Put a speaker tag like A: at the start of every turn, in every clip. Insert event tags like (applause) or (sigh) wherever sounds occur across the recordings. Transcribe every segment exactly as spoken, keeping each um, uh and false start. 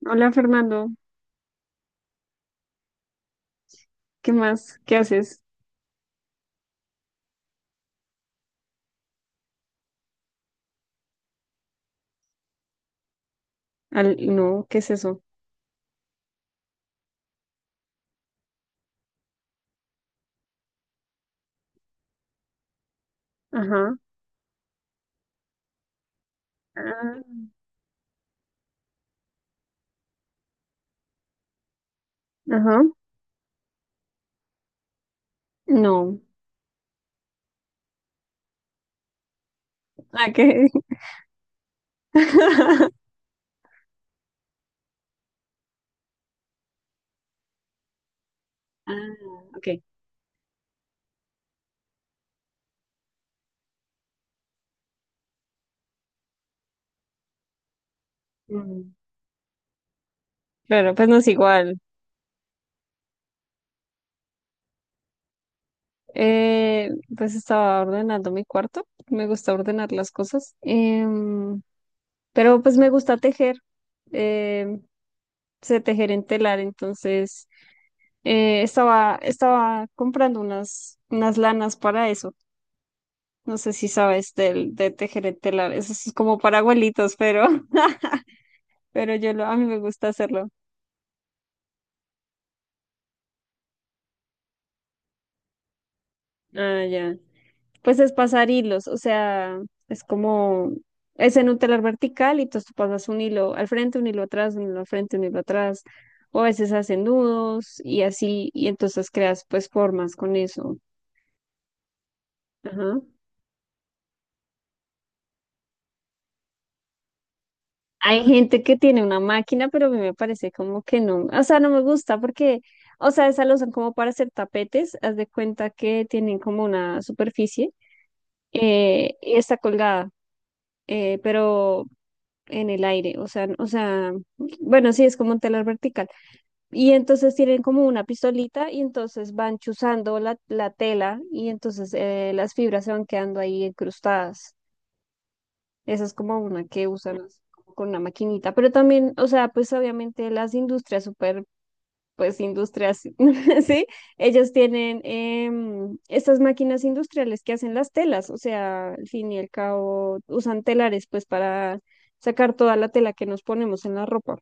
A: Hola Fernando, ¿qué más? ¿Qué haces? Al- no, ¿qué es eso? Ajá. Ah, ajá. No. Ah, ¿qué? (laughs) Ah, ok. Mm, claro, pues no es igual. Eh, pues estaba ordenando mi cuarto. Me gusta ordenar las cosas. Em, pero pues me gusta tejer. Eh, Sé tejer en telar, entonces eh, estaba, estaba comprando unas, unas lanas para eso. No sé si sabes del, de tejer el telar. Eso es como para abuelitos, pero, (laughs) pero yo lo, a mí me gusta hacerlo. Ah, ya. Pues es pasar hilos, o sea, es como, es en un telar vertical y entonces tú pasas un hilo al frente, un hilo atrás, un hilo al frente, un hilo atrás. O a veces hacen nudos y así, y entonces creas pues formas con eso. Ajá. Hay gente que tiene una máquina, pero a mí me parece como que no, o sea, no me gusta porque, o sea, esa lo usan como para hacer tapetes, haz de cuenta que tienen como una superficie eh, y está colgada, eh, pero en el aire, o sea, o sea, bueno, sí, es como un telar vertical. Y entonces tienen como una pistolita y entonces van chuzando la, la tela y entonces eh, las fibras se van quedando ahí incrustadas. Esa es como una que usan así como con una maquinita, pero también, o sea, pues obviamente las industrias súper, pues industrias, (laughs) ¿sí? Ellos tienen em, estas máquinas industriales que hacen las telas, o sea, al fin y al cabo usan telares pues para sacar toda la tela que nos ponemos en la ropa.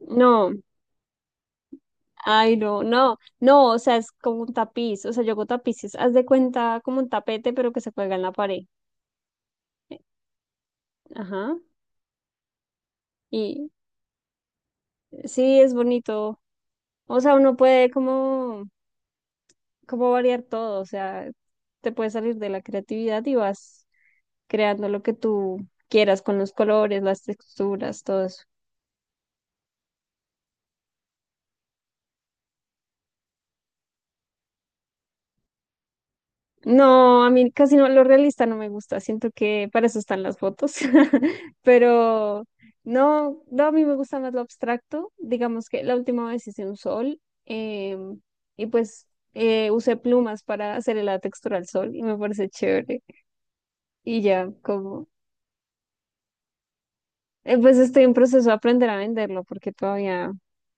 A: No, ay, no, no, no, o sea, es como un tapiz, o sea, yo hago tapices, haz de cuenta como un tapete, pero que se cuelga en la pared. Ajá. Y sí, es bonito. O sea, uno puede como, como variar todo, o sea, te puedes salir de la creatividad y vas creando lo que tú quieras con los colores, las texturas, todo eso. No, a mí casi no, lo realista no me gusta, siento que para eso están las fotos, (laughs) pero no, no, a mí me gusta más lo abstracto, digamos que la última vez hice un sol em, y pues eh, usé plumas para hacerle la textura al sol y me parece chévere y ya, como... Eh, Pues estoy en proceso de aprender a venderlo porque todavía,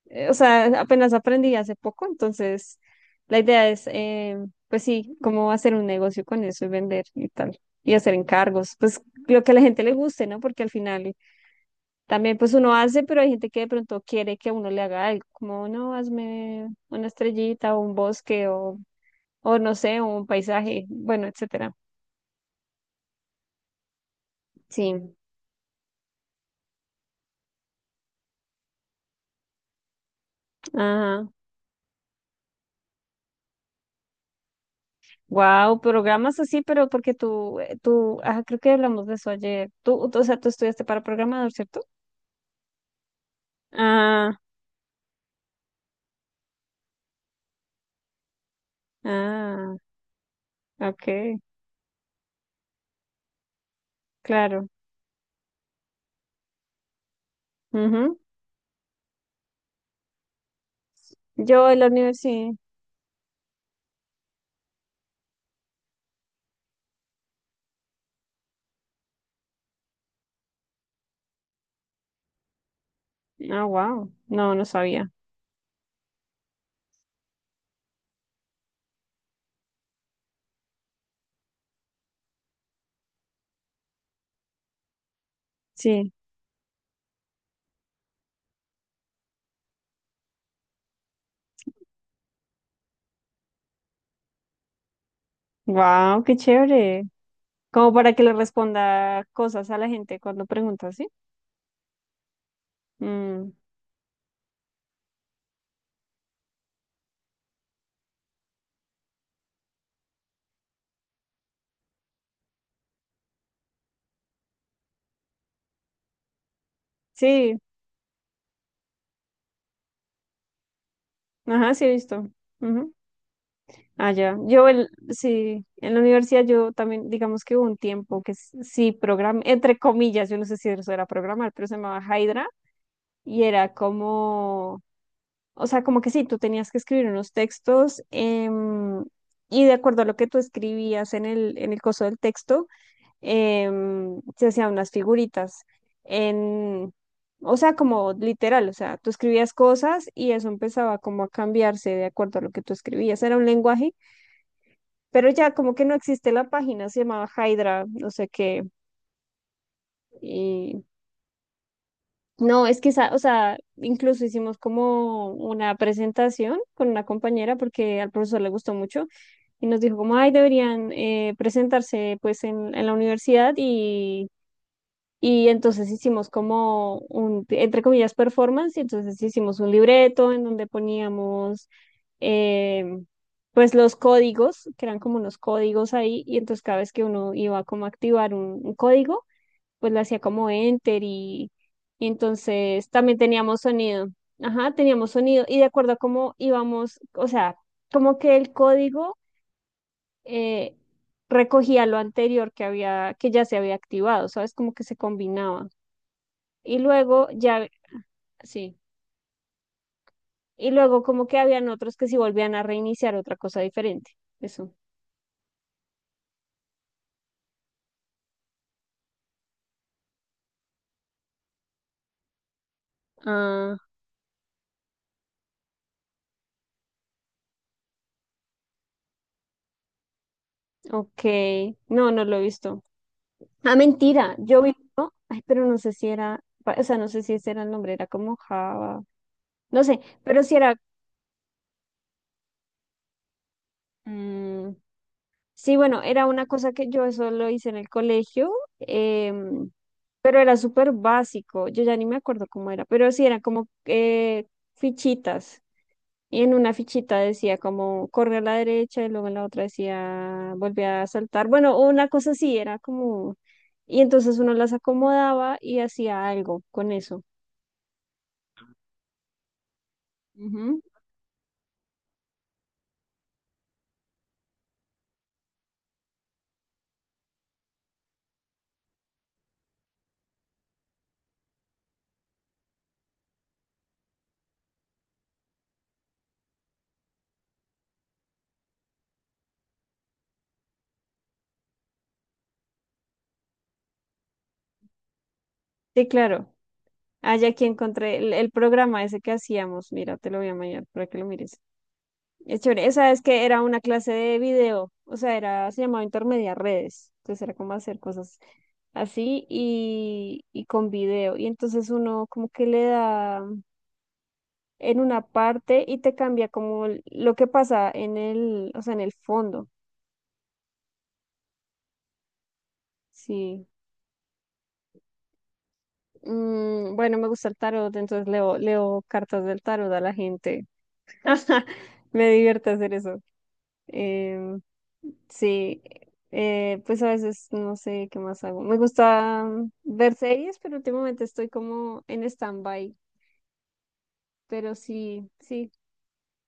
A: eh, o sea, apenas aprendí hace poco, entonces la idea es, eh, pues sí, cómo hacer un negocio con eso y vender y tal, y hacer encargos, pues lo que a la gente le guste, ¿no? Porque al final también pues uno hace, pero hay gente que de pronto quiere que uno le haga algo, como no, hazme una estrellita o un bosque o, o no sé, un paisaje, bueno, etcétera. Sí, ajá. Wow, programas así, pero porque tú, eh, tú, ah, creo que hablamos de eso ayer. Tú, tú- o sea, tú estudiaste para programador, ¿cierto? Ah, ah, ok, claro. Ujú. Yo en la universidad. Ah, wow. No, no sabía. Sí. Wow, qué chévere. Como para que le responda cosas a la gente cuando pregunta, ¿sí? Mm, sí, ajá, sí he visto. Ujú. Allá. Yo, el, sí, en la universidad yo también, digamos que hubo un tiempo que s- sí programé, entre comillas, yo no sé si eso era programar, pero se llamaba Hydra y era como, o sea, como que sí, tú tenías que escribir unos textos em, y de acuerdo a lo que tú escribías en el, en el coso del texto, em, se hacían unas figuritas en... O sea, como literal, o sea, tú escribías cosas y eso empezaba como a cambiarse de acuerdo a lo que tú escribías. Era un lenguaje, pero ya como que no existe la página, se llamaba Hydra, no sé qué. Y no, es que, esa- o sea, incluso hicimos como una presentación con una compañera porque al profesor le gustó mucho y nos dijo como, ay, deberían eh, presentarse pues en, en la universidad. Y entonces hicimos como un, entre comillas, performance, y entonces hicimos un libreto en donde poníamos eh, pues los códigos, que eran como unos códigos ahí, y entonces cada vez que uno iba como a activar un, un código, pues le hacía como enter y, y entonces también teníamos sonido, ajá, teníamos sonido, y de acuerdo a cómo íbamos, o sea, como que el código... eh, recogía lo anterior que había, que ya se había activado, ¿sabes? Como que se combinaba. Y luego ya, sí. Y luego como que habían otros que si volvían a reiniciar otra cosa diferente. Eso. Ah, ok. No, no lo he visto. Ah, mentira. Yo vi uno. Ay, pero no sé si era, pa- o sea, no sé si ese era el nombre, era como Java. No sé, pero si era. Mm, sí, bueno, era una cosa que yo eso lo hice en el colegio. em, pero era súper básico. Yo ya ni me acuerdo cómo era. Pero sí, era como eh, fichitas. Y en una fichita decía como corre a la derecha y luego en la otra decía volví a saltar. Bueno, una cosa así era como... Y entonces uno las acomodaba y hacía algo con eso. Ujú. Sí, claro. Ah, ya aquí encontré el, el programa ese que hacíamos. Mira, te lo voy a mandar para que lo mires. Es chévere. Esa es que era una clase de video. O sea, era, se llamaba Intermedia Redes. Entonces era como hacer cosas así y, y con video. Y entonces uno como que le da en una parte y te cambia como l- lo que pasa en el, o sea, en el fondo. Sí. Mm, bueno, me gusta el tarot, entonces leo, leo cartas del tarot a la gente. (laughs) Me divierte hacer eso. Em, sí, eh, pues a veces no sé qué más hago. Me gusta mm, ver series, pero últimamente estoy como en stand-by. Pero sí, sí,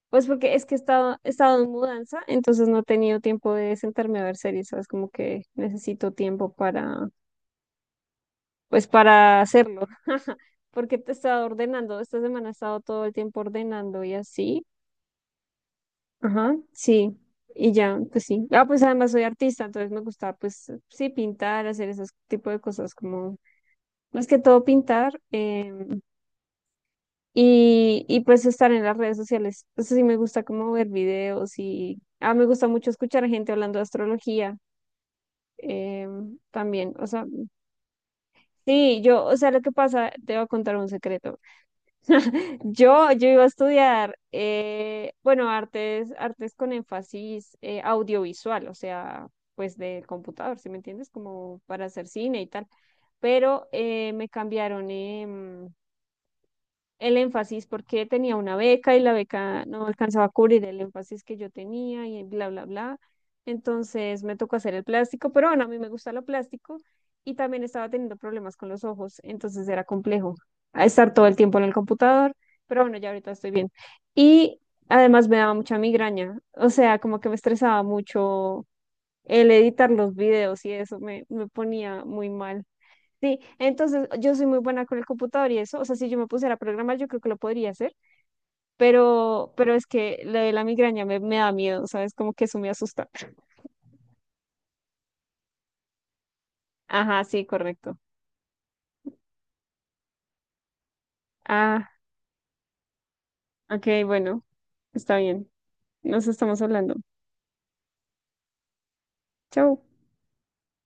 A: pues porque es que he estado, he estado en mudanza, entonces no he tenido tiempo de sentarme a ver series, ¿sabes? Como que necesito tiempo para, pues para hacerlo, (laughs) porque te he estado ordenando, esta semana he estado todo el tiempo ordenando y así, ajá, sí, y ya, pues sí. Ah, pues además soy artista, entonces me gusta, pues sí, pintar, hacer ese tipo de cosas, como más que todo pintar, em, Y, y pues estar en las redes sociales. Eso sí me gusta como ver videos y ah, me gusta mucho escuchar a gente hablando de astrología em, también. O sea, sí, yo, o sea, lo que pasa, te voy a contar un secreto. (laughs) Yo, yo iba a estudiar, eh, bueno, artes, artes con énfasis eh, audiovisual, o sea, pues del computador, ¿si me entiendes? Como para hacer cine y tal. Pero eh, me cambiaron. Em, el énfasis porque tenía una beca y la beca no alcanzaba a cubrir el énfasis que yo tenía y bla, bla, bla. Entonces me tocó hacer el plástico, pero bueno, a mí me gusta lo plástico y también estaba teniendo problemas con los ojos, entonces era complejo a estar todo el tiempo en el computador, pero bueno, ya ahorita estoy bien. Y además me daba mucha migraña, o sea, como que me estresaba mucho el editar los videos y eso me, me ponía muy mal. Sí, entonces yo soy muy buena con el computador y eso, o sea, si yo me pusiera a programar, yo creo que lo podría hacer, pero, pero es que lo de la migraña me, me da miedo, ¿sabes? Como que eso me asusta. Ajá, sí, correcto. Ah, ok, bueno, está bien. Nos estamos hablando. Chau.